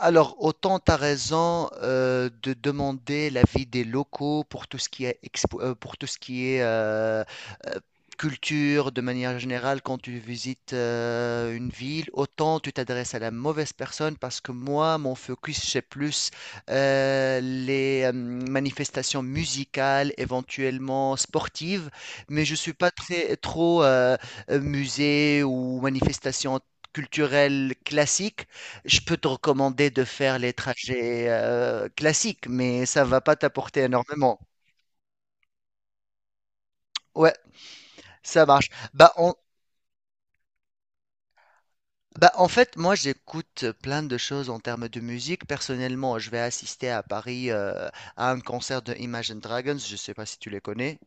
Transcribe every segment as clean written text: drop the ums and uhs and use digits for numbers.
Alors, autant tu as raison, de demander l'avis des locaux pour tout ce qui est, pour tout ce qui est euh, culture de manière générale quand tu visites une ville, autant tu t'adresses à la mauvaise personne parce que moi, mon focus, c'est plus les manifestations musicales, éventuellement sportives, mais je suis pas très, trop musée ou manifestation culturelle classique. Je peux te recommander de faire les trajets classiques, mais ça va pas t'apporter énormément. Ouais, ça marche. Bah, bah, en fait, moi, j'écoute plein de choses en termes de musique. Personnellement, je vais assister à Paris à un concert de Imagine Dragons. Je sais pas si tu les connais.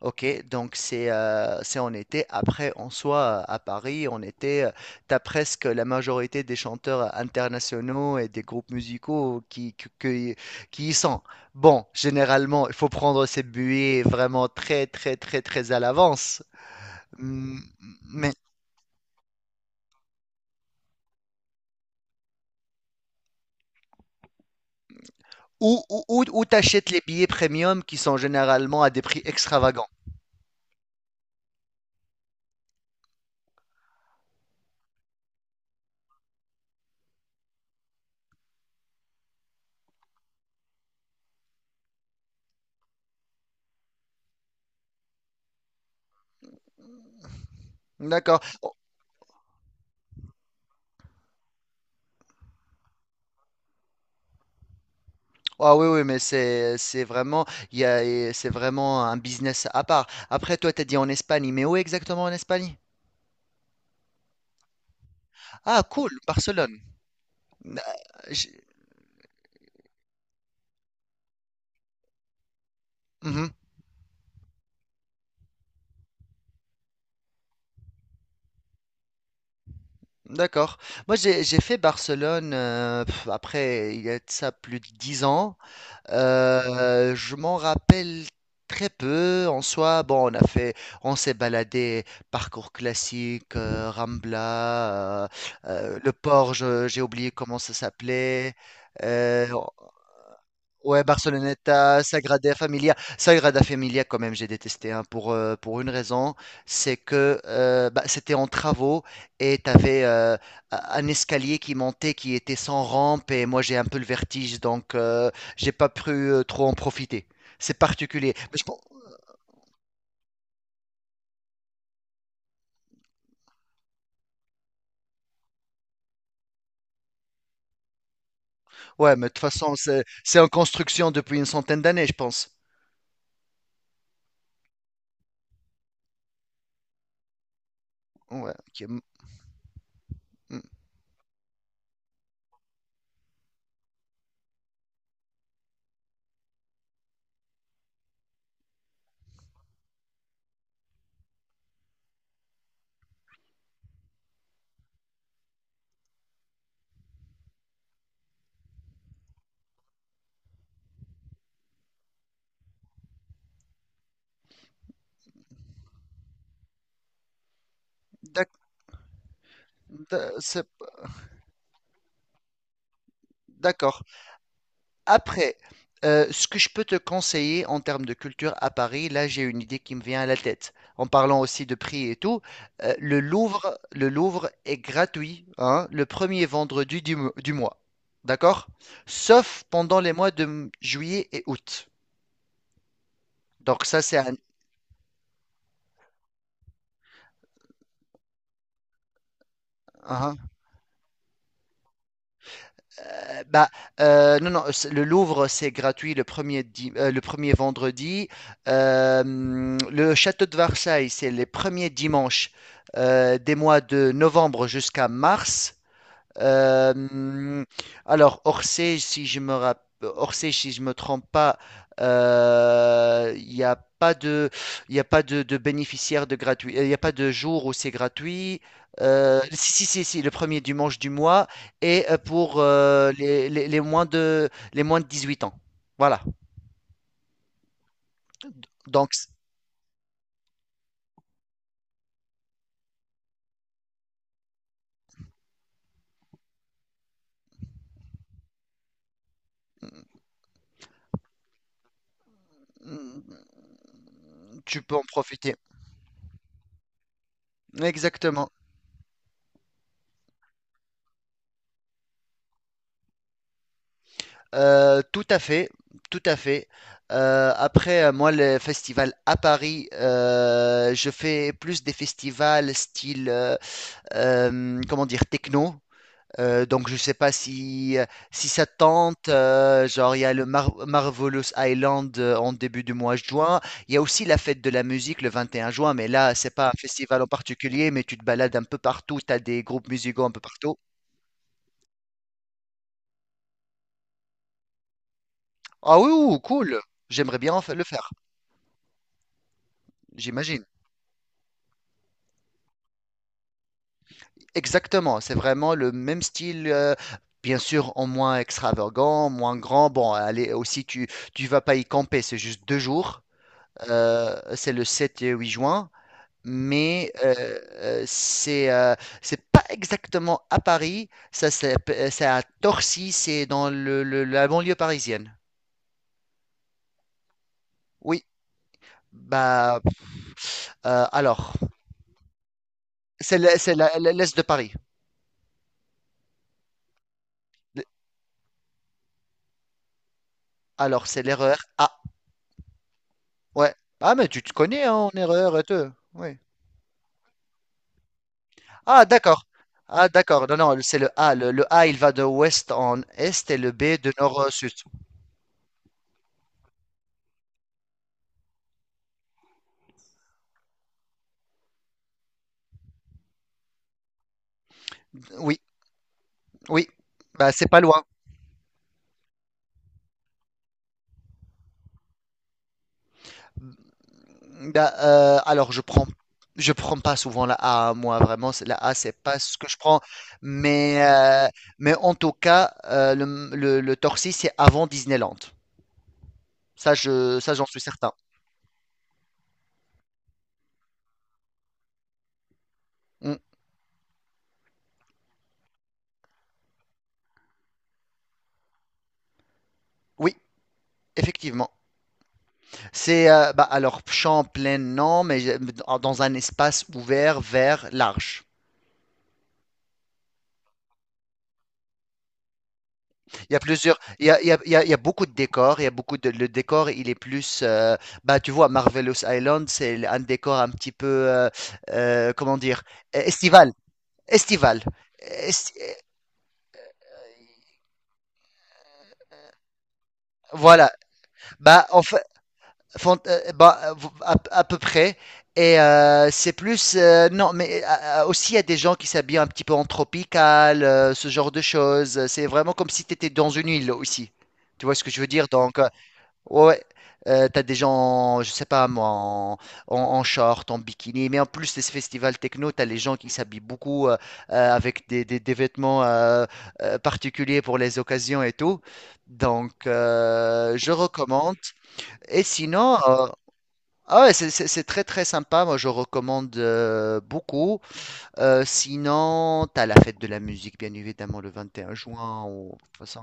Ok, donc c'est en été. Après, en soi, à Paris, en été, t'as presque la majorité des chanteurs internationaux et des groupes musicaux qui y sont. Bon, généralement, il faut prendre ces billets vraiment très, très, très, très à l'avance. Mm, Mais où t'achètes les billets premium qui sont généralement à des prix extravagants? D'accord. Ah oui, oui, mais c'est vraiment il y a et c'est vraiment un business à part. Après, toi, t'as dit en Espagne, mais où exactement en Espagne? Ah, cool, Barcelone. Euh, j'ai- Mhm, d'accord. Moi, j'ai fait Barcelone. Après, il y a de ça plus de 10 ans. Je m'en rappelle très peu. En soi, bon, on a fait, on s'est baladé, parcours classique, Rambla, le port, j'ai oublié comment ça s'appelait. Euh, Ouais, Barceloneta, Sagrada Familia. Sagrada Familia, quand même, j'ai détesté hein, pour une raison, c'est que bah, c'était en travaux et tu avais un escalier qui montait qui était sans rampe et moi j'ai un peu le vertige donc j'ai pas pu trop en profiter. C'est particulier. Ouais, mais de toute façon, c'est en construction depuis une centaine d'années, je pense. Ouais, ok. Mm, d'ac- d'a- c'est- d'accord. Après, ce que je peux te conseiller en termes de culture à Paris, là j'ai une idée qui me vient à la tête. En parlant aussi de prix et tout, le Louvre est gratuit, hein, le premier vendredi du mois. D'accord? Sauf pendant les mois de juillet et août. Donc ça c'est un. Hein, bah, non, non, le Louvre, c'est gratuit le premier, le premier vendredi. Le château de Versailles, c'est les premiers dimanches des mois de novembre jusqu'à mars. Euh, alors, Orsay, si je me rapp- Orsay, si je me trompe pas, il n'y a pas de, il y a pas de bénéficiaire de gratuit, il n'y a pas de jour où c'est gratuit. Si, si, si, si, le premier dimanche du mois et pour les moins de 18 ans. Voilà. Donc, tu peux en profiter. Exactement. Tout à fait, tout à fait. Après, moi, le festival à Paris, je fais plus des festivals style, comment dire, techno. Donc, je sais pas si, si ça te tente. Genre, il y a le Marvelous Island en début du mois de juin. Il y a aussi la fête de la musique le 21 juin, mais là, c'est pas un festival en particulier, mais tu te balades un peu partout. Tu as des groupes musicaux un peu partout. Ah oui, ouh, cool. J'aimerais bien le faire, j'imagine. Exactement, c'est vraiment le même style, bien sûr en moins extravagant, moins grand. Bon, allez, aussi tu vas pas y camper, c'est juste 2 jours. C'est le 7 et 8 juin, mais euh, c'est euh, c'est pas exactement à Paris, ça c'est à Torcy, c'est dans la banlieue parisienne. Oui, bah alors c'est le- c'est la- l'est de Paris. Alors c'est l'erreur. Ouais. Ah, mais tu te connais hein, en erreur, toi. Oui. Ah, d'accord. Ah, d'accord. Non, non, c'est le A. Le A, il va de ouest en est et le B de nord au sud. Oui, oui. Bah, c'est pas loin. Bah, alors, je prends pas souvent la A, hein, moi, vraiment. La A, c'est pas ce que je prends. Mais, euh, mais en tout cas, le Torcy, c'est avant Disneyland. Ça, ça, j'en suis certain. Mm. Oui, effectivement. C'est bah, alors champ plein non, mais dans un espace ouvert, vert, large. Il y a plusieurs, il y a, il y a- il y a- Il y a beaucoup de décors. Il y a beaucoup de, Le décor, il est plus, bah tu vois, Marvelous Island, c'est un décor un petit peu, comment dire, estival, estival. Esti- voilà. Bah en fait, bah, à peu près. Et c'est plus. Non, mais aussi, il y a des gens qui s'habillent un petit peu en tropical, ce genre de choses. C'est vraiment comme si tu étais dans une île aussi. Tu vois ce que je veux dire? Donc, ouais, t'as des gens, je sais pas moi, en, en short, en bikini. Mais en plus de ce festival techno, t'as les gens qui s'habillent beaucoup avec des vêtements particuliers pour les occasions et tout. Donc, je recommande. Et sinon, ah ouais, c'est très très sympa, moi je recommande beaucoup. Sinon, t'as la fête de la musique, bien évidemment, le 21 juin. Ou. De toute façon.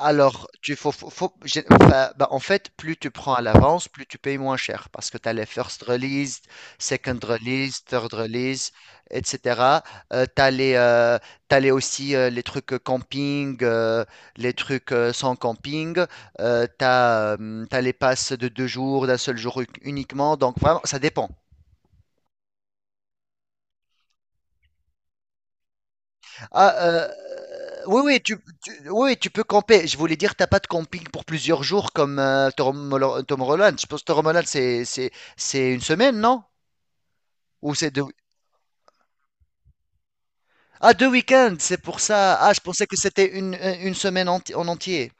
Alors, tu faut, faut- faut- j'ai- enfin, ben, en fait, plus tu prends à l'avance, plus tu payes moins cher parce que tu as les first release, second release, third release, etc. tu as les, euh, t'as les aussi les trucs camping, les trucs sans camping. Tu as, les passes de 2 jours, d'un seul jour uniquement. Donc, vraiment, ça dépend. Ah, euh, Oui, oui, oui, tu peux camper. Je voulais dire, t'as pas de camping pour plusieurs jours comme Tom Holland. Tom Holland. Je pense que Tom Holland, c'est une semaine, non? Ou c'est deux. Ah, deux week-ends, c'est pour ça. Ah, je pensais que c'était une semaine en entier.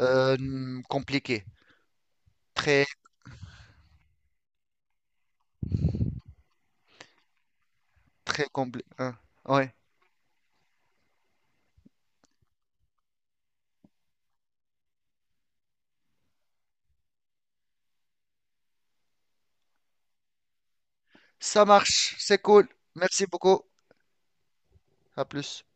Compliqué. Très, très compliqué. Ouais. Ça marche, c'est cool. Merci beaucoup. À plus.